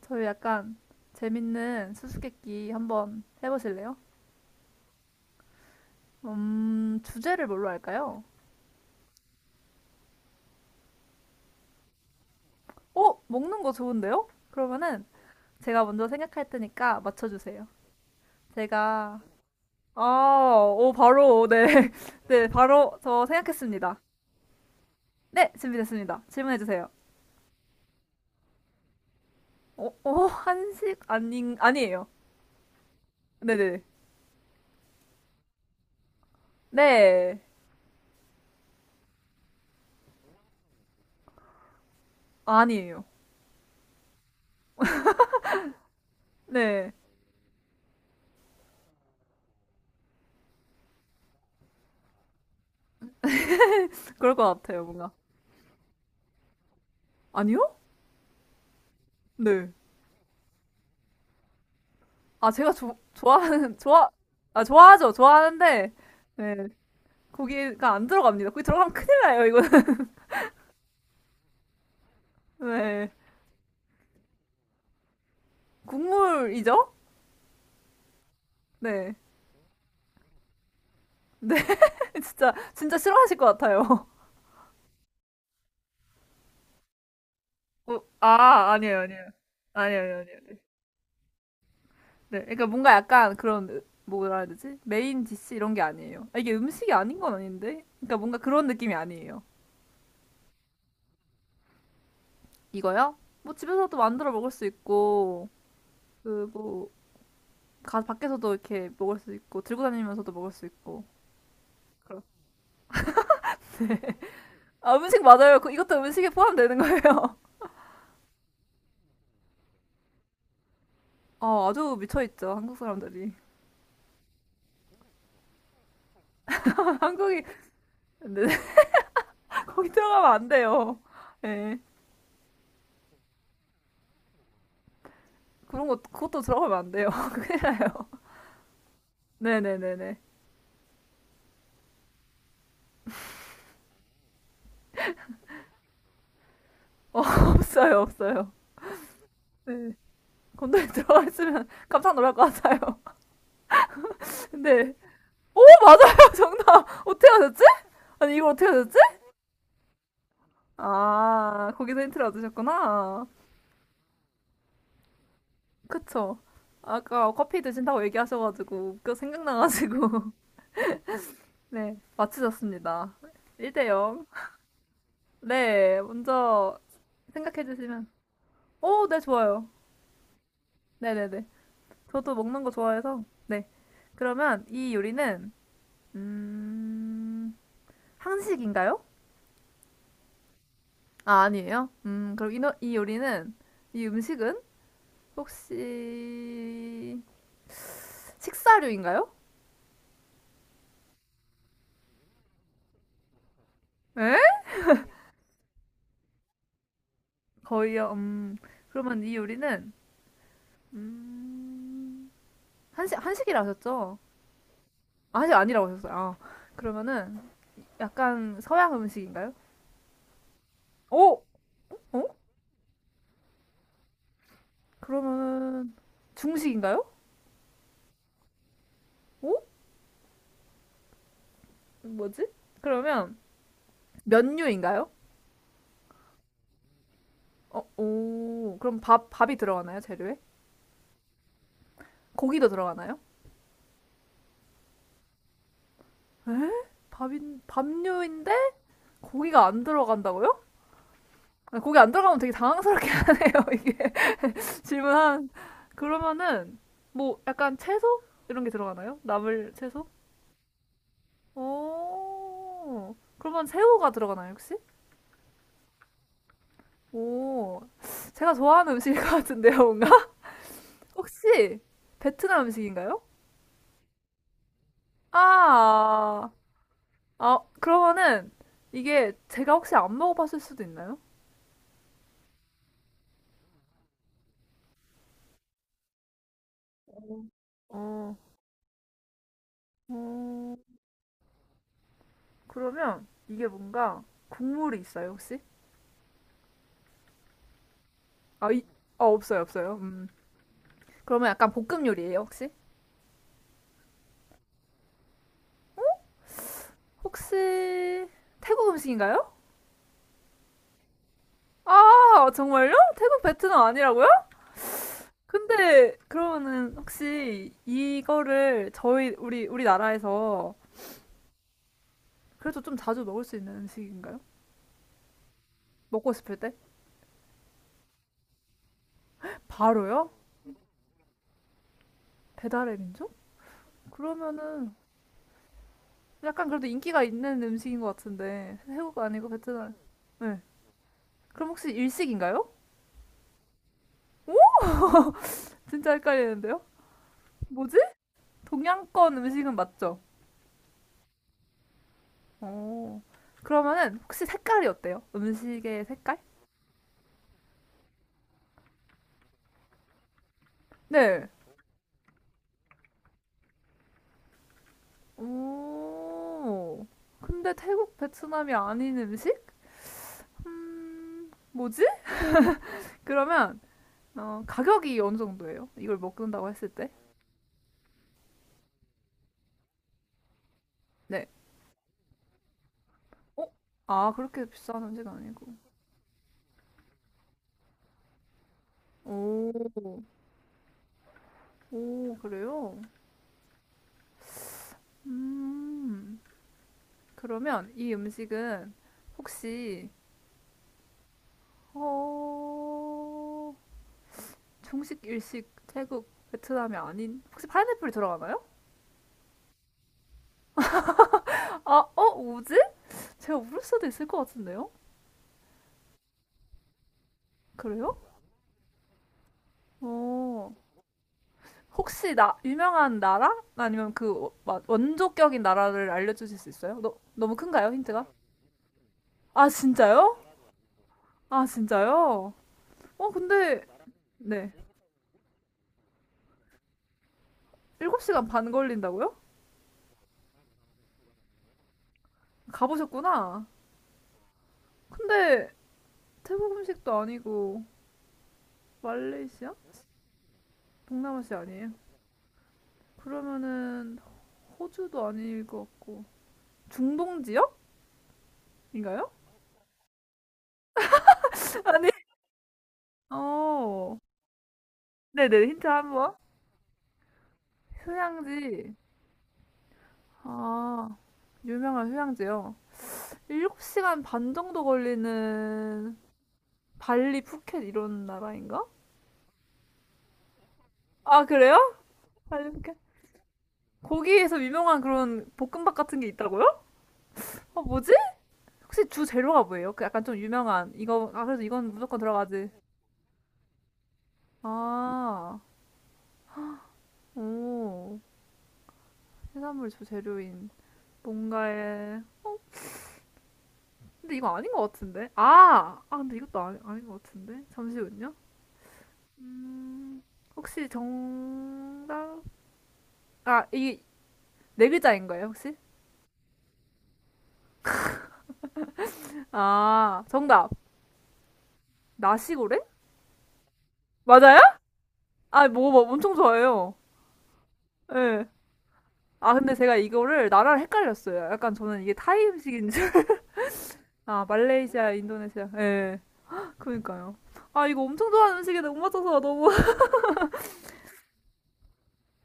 저희 약간 재밌는 수수께끼 한번 해보실래요? 주제를 뭘로 할까요? 먹는 거 좋은데요? 그러면은 제가 먼저 생각할 테니까 맞춰주세요. 제가, 아, 오, 바로, 네. 네, 바로 저 생각했습니다. 네, 준비됐습니다. 질문해주세요. 한식? 아니에요. 네네. 네, 네. 네, 아니에요. 네, 그럴 것 같아요, 뭔가. 아니요? 네. 아, 제가 좋아하는, 좋아, 아, 좋아하죠. 좋아하는데, 네. 고기가 안 들어갑니다. 고기 들어가면 큰일 나요, 이거는. 네. 국물이죠? 네. 네, 진짜 싫어하실 것 같아요. 어, 아, 아니에요. 아니에요. 아니에요. 네. 그러니까 뭔가 약간 그런, 뭐라 해야 되지? 메인 디시 이런 게 아니에요. 아, 이게 음식이 아닌 건 아닌데? 그러니까 뭔가 그런 느낌이 아니에요. 이거요? 뭐 집에서도 만들어 먹을 수 있고, 그, 뭐, 밖에서도 이렇게 먹을 수 있고, 들고 다니면서도 먹을 수 있고. 그럼. 아, 음식 맞아요. 이것도 음식에 포함되는 거예요. 아, 아주 미쳐있죠. 한국 사람들이. 한국이, 근데 거기 들어가면 안 돼요. 예. 그런 거 그것도 들어가면 안 돼요. 큰일 나요. 네네네네. 어, 없어요. 네. 건더기 들어가 있으면 깜짝 놀랄 것 같아요. 근데, 오, 맞아요! 정답! 어떻게 하셨지? 아니, 이걸 어떻게 하셨지? 아, 거기서 힌트를 얻으셨구나. 그쵸. 아까 커피 드신다고 얘기하셔가지고, 그 생각나가지고. 네, 맞추셨습니다. 1대 0. 네, 먼저 생각해 주시면. 오, 네, 좋아요. 네네네. 저도 먹는 거 좋아해서. 네. 그러면 이 요리는, 음, 한식인가요? 아, 아니에요. 그럼 이, 이 요리는, 이 음식은 혹시 식사류인가요? 에? 거의요. 그러면 이 요리는, 음, 한식이라 하셨죠? 아, 한식 아니라고 하셨어요. 아, 그러면은, 약간 서양 음식인가요? 오! 어? 그러면 중식인가요? 오? 뭐지? 그러면 면류인가요? 오. 그럼 밥이 들어가나요? 재료에? 고기도 들어가나요? 에? 밥류인데 고기가 안 들어간다고요? 아, 고기 안 들어가면 되게 당황스럽게 하네요, 이게. 질문한. 그러면은 뭐 약간 채소? 이런 게 들어가나요? 나물 채소? 오. 그러면 새우가 들어가나요, 혹시? 오, 제가 좋아하는 음식일 것 같은데요, 뭔가? 혹시 베트남 음식인가요? 아, 아, 그러면은 이게 제가 혹시 안 먹어봤을 수도 있나요? 어, 어, 어, 그러면 이게 뭔가 국물이 있어요, 혹시? 아, 이, 아, 없어요. 그러면 약간 볶음 요리예요, 혹시? 혹시 태국 음식인가요? 아, 정말요? 태국 베트남 아니라고요? 근데 그러면은 혹시 이거를 저희 우리 우리나라에서 그래도 좀 자주 먹을 수 있는 음식인가요? 먹고 싶을 때? 바로요? 배달의 민족? 그러면은 약간 그래도 인기가 있는 음식인 것 같은데 태국 아니고 베트남. 네. 그럼 혹시 일식인가요? 진짜 헷갈리는데요? 뭐지? 동양권 음식은 맞죠? 어. 그러면은 혹시 색깔이 어때요? 음식의 색깔? 네. 오, 근데 태국, 베트남이 아닌 음식? 뭐지? 그러면 가격이 어느 정도예요? 이걸 먹는다고 했을 때? 네. 어? 아, 그렇게 비싼 음식 아니고. 오, 오, 그래요? 음, 그러면 이 음식은 혹시 어, 중식, 일식, 태국, 베트남이 아닌 혹시 파인애플이 들어가나요? 아, 뭐지? 제가 모를 수도 있을 것 같은데요? 그래요? 오. 혹시 나 유명한 나라? 아니면 그 막 원조격인 나라를 알려주실 수 있어요? 너무 큰가요, 힌트가? 아, 진짜요? 아, 진짜요? 어, 근데 네. 7시간 반 걸린다고요? 가보셨구나. 근데 태국 음식도 아니고 말레이시아? 동남아시아 아니에요? 그러면은 호주도 아닐 것 같고 중동 지역인가요? 아니. 어. 네네, 힌트 한번. 휴양지. 아, 유명한 휴양지요. 7시간 반 정도 걸리는 발리, 푸켓 이런 나라인가? 아, 그래요? 발리, 푸켓? 거기에서 유명한 그런 볶음밥 같은 게 있다고요? 아, 뭐지? 혹시 주 재료가 뭐예요? 그 약간 좀 유명한 이거 아 그래서 이건 무조건 들어가지. 아, 오, 해산물 주 재료인 뭔가에 근데 이거 아닌 것 같은데? 아, 아 근데 이것도 아니, 아닌 것 같은데? 잠시만요. 음, 혹시 정답? 아, 이게 네 글자인 거예요, 혹시? 아, 정답. 나시고래? 맞아요? 아, 뭐, 엄청 좋아해요. 예. 아, 근데 제가 이거를 나라를 헷갈렸어요. 약간 저는 이게 타이 음식인 줄. 아, 말레이시아, 인도네시아. 예. 그니까요. 아, 이거 엄청 좋아하는 음식인데 못 맞춰서 너무.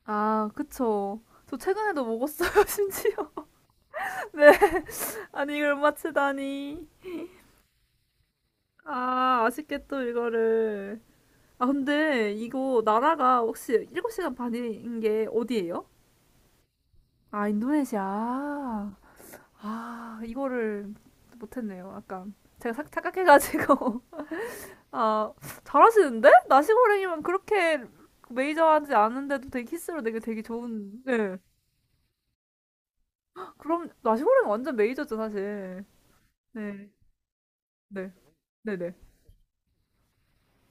아, 그쵸. 저 최근에도 먹었어요, 심지어. 네. 아니, 이걸 못 맞히다니. 아, 아쉽겠죠, 이거를. 아, 근데 이거 나라가 혹시 7시간 반인 게 어디예요? 아, 인도네시아. 아, 이거를 못했네요. 아까 제가 착각해가지고. 아, 잘하시는데? 나시고랭이면 그렇게 메이저하지 않은데도 되게 키스로 되게 좋은. 네. 그럼 나시고랭 완전 메이저죠, 사실. 네. 네. 네네.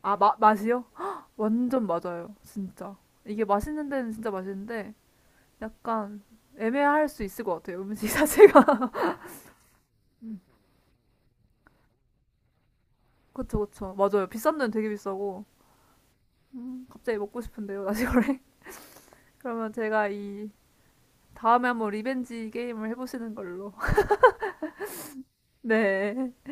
아, 맛이요? 완전 맞아요. 진짜. 이게 맛있는 데는 진짜 맛있는데 약간 애매할 수 있을 것 같아요. 음식 자체가. 음, 그쵸, 그쵸. 맞아요. 비싼 데는 되게 비싸고. 갑자기 먹고 싶은데요, 나시고랭. 그러면 제가 이 다음에 한번 리벤지 게임을 해보시는 걸로. 네.